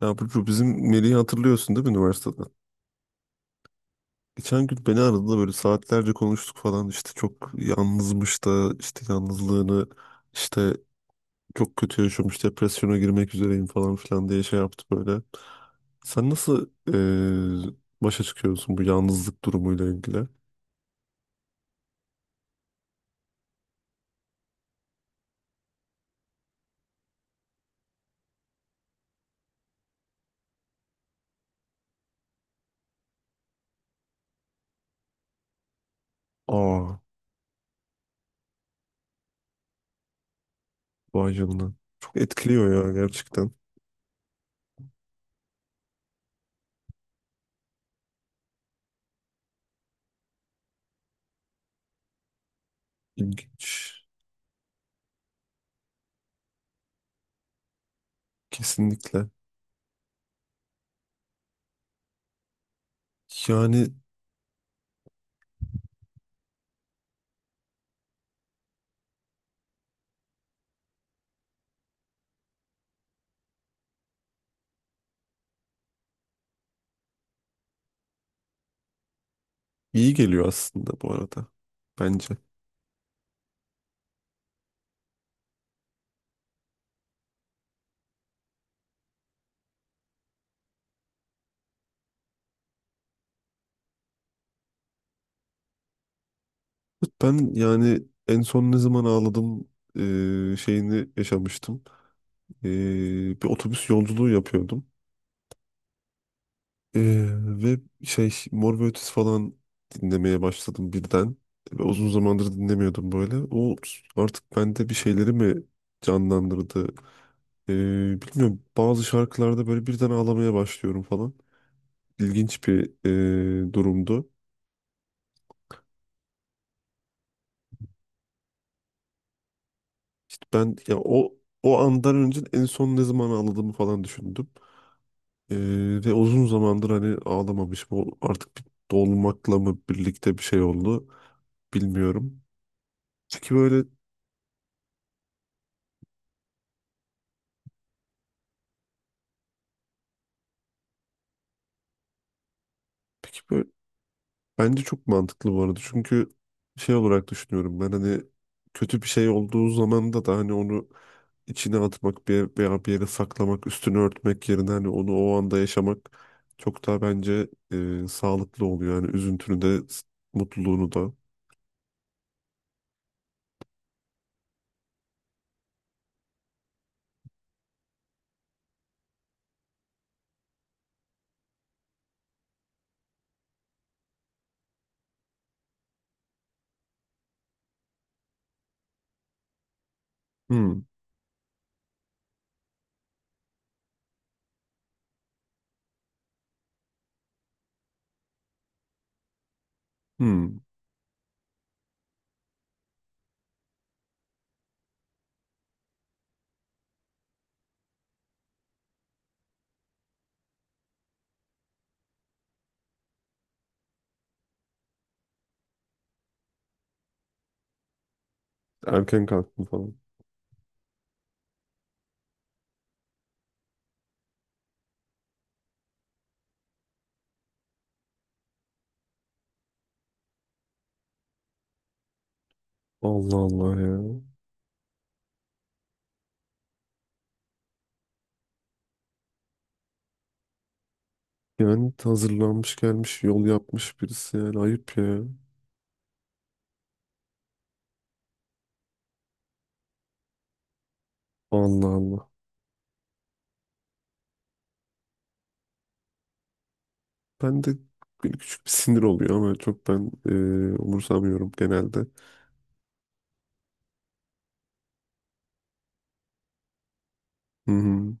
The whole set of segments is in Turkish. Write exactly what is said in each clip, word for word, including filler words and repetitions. Ya Burcu bizim Melih'i hatırlıyorsun değil mi üniversiteden? Geçen gün beni aradı da böyle saatlerce konuştuk falan işte çok yalnızmış da işte yalnızlığını işte çok kötü yaşamış depresyona girmek üzereyim falan filan diye şey yaptı böyle. Sen nasıl eee, başa çıkıyorsun bu yalnızlık durumuyla ilgili? Aa, vay canına. Çok etkiliyor ya gerçekten. İlginç. Kesinlikle. Yani iyi geliyor aslında bu arada. Bence. Ben yani en son ne zaman ağladım e, şeyini yaşamıştım. E, bir otobüs yolculuğu yapıyordum. E, ve şey Mor ve Ötesi falan dinlemeye başladım birden. Ve uzun zamandır dinlemiyordum böyle. O artık bende bir şeyleri mi canlandırdı? E, Bilmiyorum, bazı şarkılarda böyle birden ağlamaya başlıyorum falan. İlginç bir e, durumdu. İşte ben ya o o andan önce en son ne zaman ağladığımı falan düşündüm. Ee, Ve uzun zamandır hani ağlamamışım. O artık bir dolmakla mı birlikte bir şey oldu bilmiyorum. Peki böyle, peki böyle bence çok mantıklı bu arada. Çünkü şey olarak düşünüyorum, ben hani kötü bir şey olduğu zaman da da hani onu içine atmak bir, veya bir yere saklamak, üstünü örtmek yerine hani onu o anda yaşamak çok daha bence e, sağlıklı oluyor. Yani üzüntünü de s- mutluluğunu da. Hmm, hmm. Erken kalktım falan. Allah Allah ya. Yani hazırlanmış gelmiş yol yapmış birisi yani ayıp ya. Allah Allah. Ben de böyle küçük bir sinir oluyor ama çok ben e, umursamıyorum genelde. Hı hı.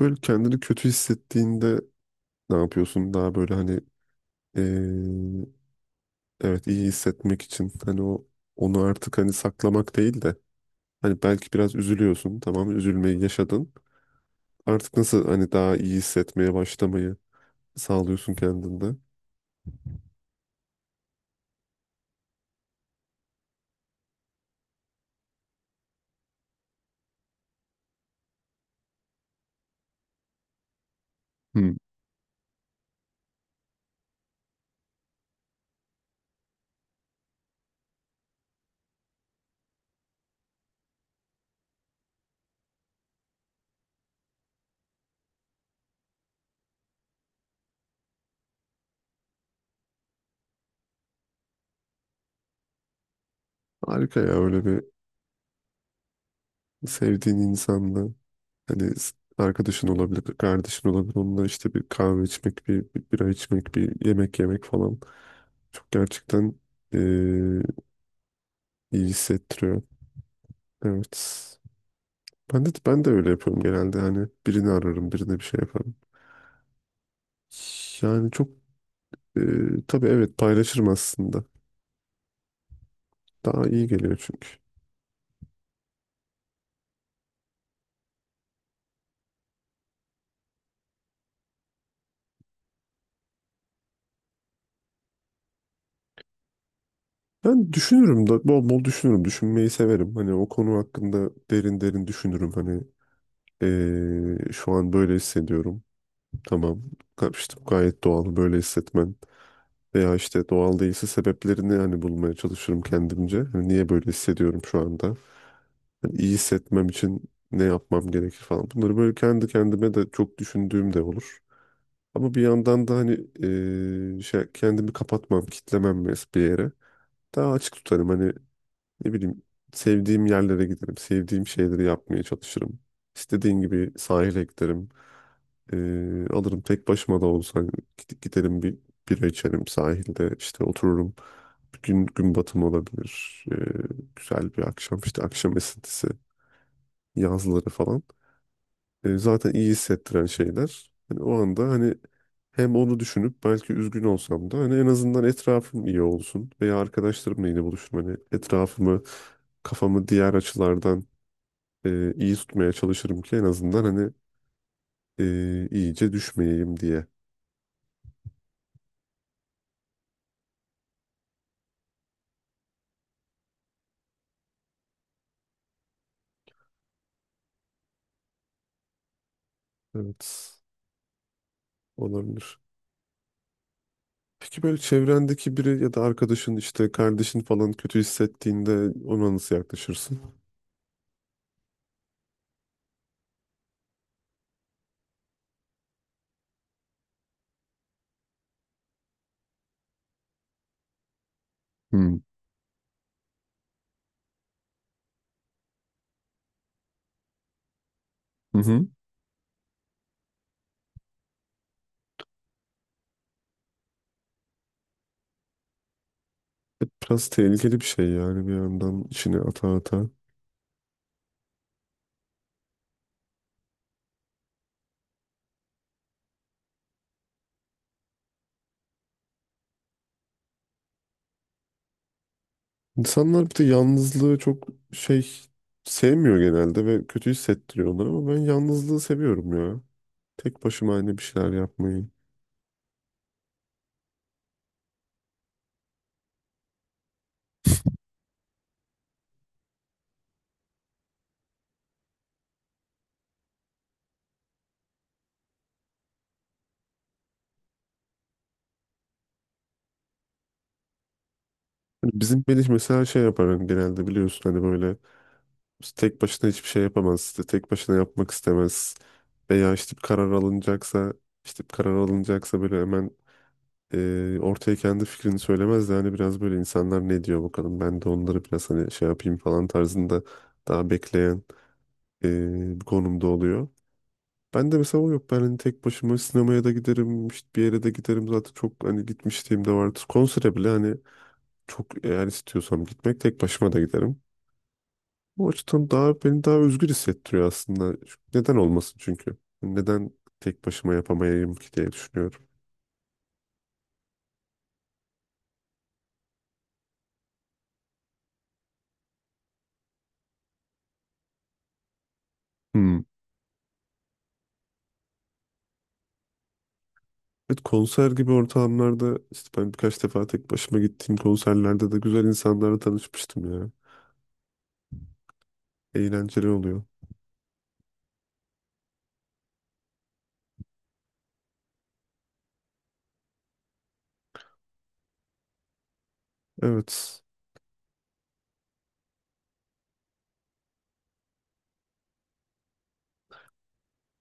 Böyle kendini kötü hissettiğinde ne yapıyorsun? Daha böyle hani e, evet iyi hissetmek için hani o onu artık hani saklamak değil de hani belki biraz üzülüyorsun, tamam, üzülmeyi yaşadın. Artık nasıl hani daha iyi hissetmeye başlamayı sağlıyorsun kendinde? Hı. Harika ya, öyle bir sevdiğin insanla hani s- arkadaşın olabilir, kardeşin olabilir. Onunla işte bir kahve içmek, bir, bir bira içmek, bir yemek yemek falan. Çok gerçekten eee, iyi hissettiriyor. Evet. Ben de ben de öyle yapıyorum genelde. Hani birini ararım, birine bir şey yaparım. Yani çok eee tabii, evet, paylaşırım aslında. Daha iyi geliyor çünkü. Ben düşünürüm da bol bol düşünürüm. Düşünmeyi severim. Hani o konu hakkında derin derin düşünürüm. Hani eee, şu an böyle hissediyorum. Tamam. Ga- işte bu gayet doğal böyle hissetmen. Veya işte doğal değilse sebeplerini hani bulmaya çalışırım kendimce. Hani niye böyle hissediyorum şu anda? Yani iyi hissetmem için ne yapmam gerekir falan. Bunları böyle kendi kendime de çok düşündüğüm de olur. Ama bir yandan da hani eee, şey, kendimi kapatmam, kitlemem mes- bir yere. Daha açık tutarım hani ne bileyim, sevdiğim yerlere giderim, sevdiğim şeyleri yapmaya çalışırım. İstediğin gibi sahile giderim. Eee, alırım tek başıma da olsa hani gid- giderim bir bira içerim sahilde işte otururum. Bir gün gün batımı olabilir. Eee, güzel bir akşam işte akşam esintisi yazları falan. E, zaten iyi hissettiren şeyler. Hani o anda hani hem onu düşünüp belki üzgün olsam da hani en azından etrafım iyi olsun veya arkadaşlarımla yine buluşurum. Hani etrafımı, kafamı diğer açılardan e, iyi tutmaya çalışırım ki en azından hani e, iyice düşmeyeyim diye. Evet, olabilir. Peki böyle çevrendeki biri ya da arkadaşın işte kardeşin falan kötü hissettiğinde ona nasıl yaklaşırsın? Hmm. Hı hı. Biraz tehlikeli bir şey yani, bir yandan içine ata ata. İnsanlar bir de yalnızlığı çok şey sevmiyor genelde ve kötü hissettiriyor onları, ama ben yalnızlığı seviyorum ya. Tek başıma hani bir şeyler yapmayı. Hani bizim Melih mesela şey yapar hani genelde biliyorsun hani böyle İşte tek başına hiçbir şey yapamaz. İşte tek başına yapmak istemez. Veya işte bir karar alınacaksa işte bir karar alınacaksa böyle hemen e, ortaya kendi fikrini söylemez de hani biraz böyle insanlar ne diyor bakalım ben de onları biraz hani şey yapayım falan tarzında daha bekleyen e, bir konumda oluyor. Ben de mesela o yok. Ben hani tek başıma sinemaya da giderim, işte bir yere de giderim. Zaten çok hani gitmişliğim de vardır. Konsere bile hani çok eğer istiyorsam gitmek tek başıma da giderim. Bu açıdan daha beni daha özgür hissettiriyor aslında. Neden olmasın çünkü? Hani neden tek başıma yapamayayım ki diye düşünüyorum. Hmm. Evet, konser gibi ortamlarda işte ben birkaç defa tek başıma gittiğim konserlerde de güzel insanlarla tanışmıştım ya. Eğlenceli oluyor. Evet,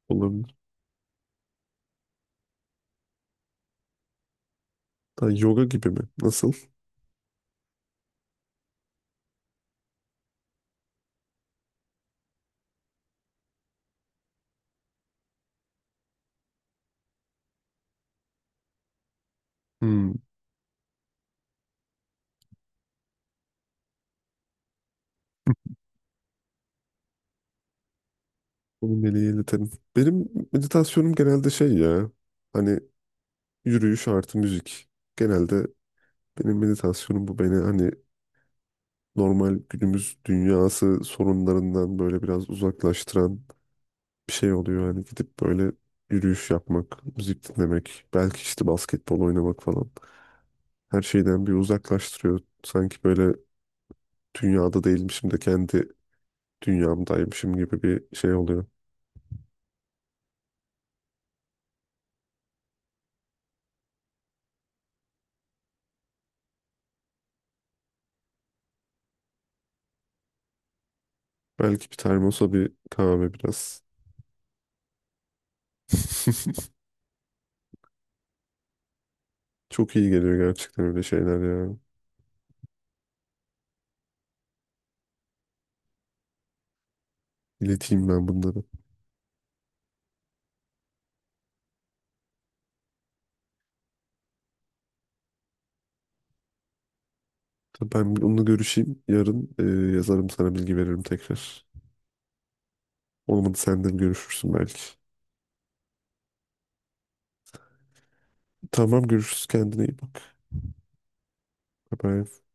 olabilir. Ha, yoga gibi mi? Nasıl? Hmm. Onu Melih'e iletelim. Benim meditasyonum genelde şey ya. Hani yürüyüş artı müzik. Genelde benim meditasyonum bu, beni hani normal günümüz dünyası sorunlarından böyle biraz uzaklaştıran bir şey oluyor. Hani gidip böyle yürüyüş yapmak, müzik dinlemek, belki işte basketbol oynamak falan. Her şeyden bir uzaklaştırıyor. Sanki böyle dünyada değilmişim de kendi dünyamdaymışım gibi bir şey oluyor. Belki bir termosa bir kahve biraz. Çok iyi geliyor gerçekten öyle şeyler ya. İleteyim ben bunları. Tabii, ben bir onunla görüşeyim. Yarın e, yazarım sana, bilgi veririm tekrar. Olmadı sen de görüşürsün belki. Tamam, görüşürüz, kendine iyi bak. Bye bye.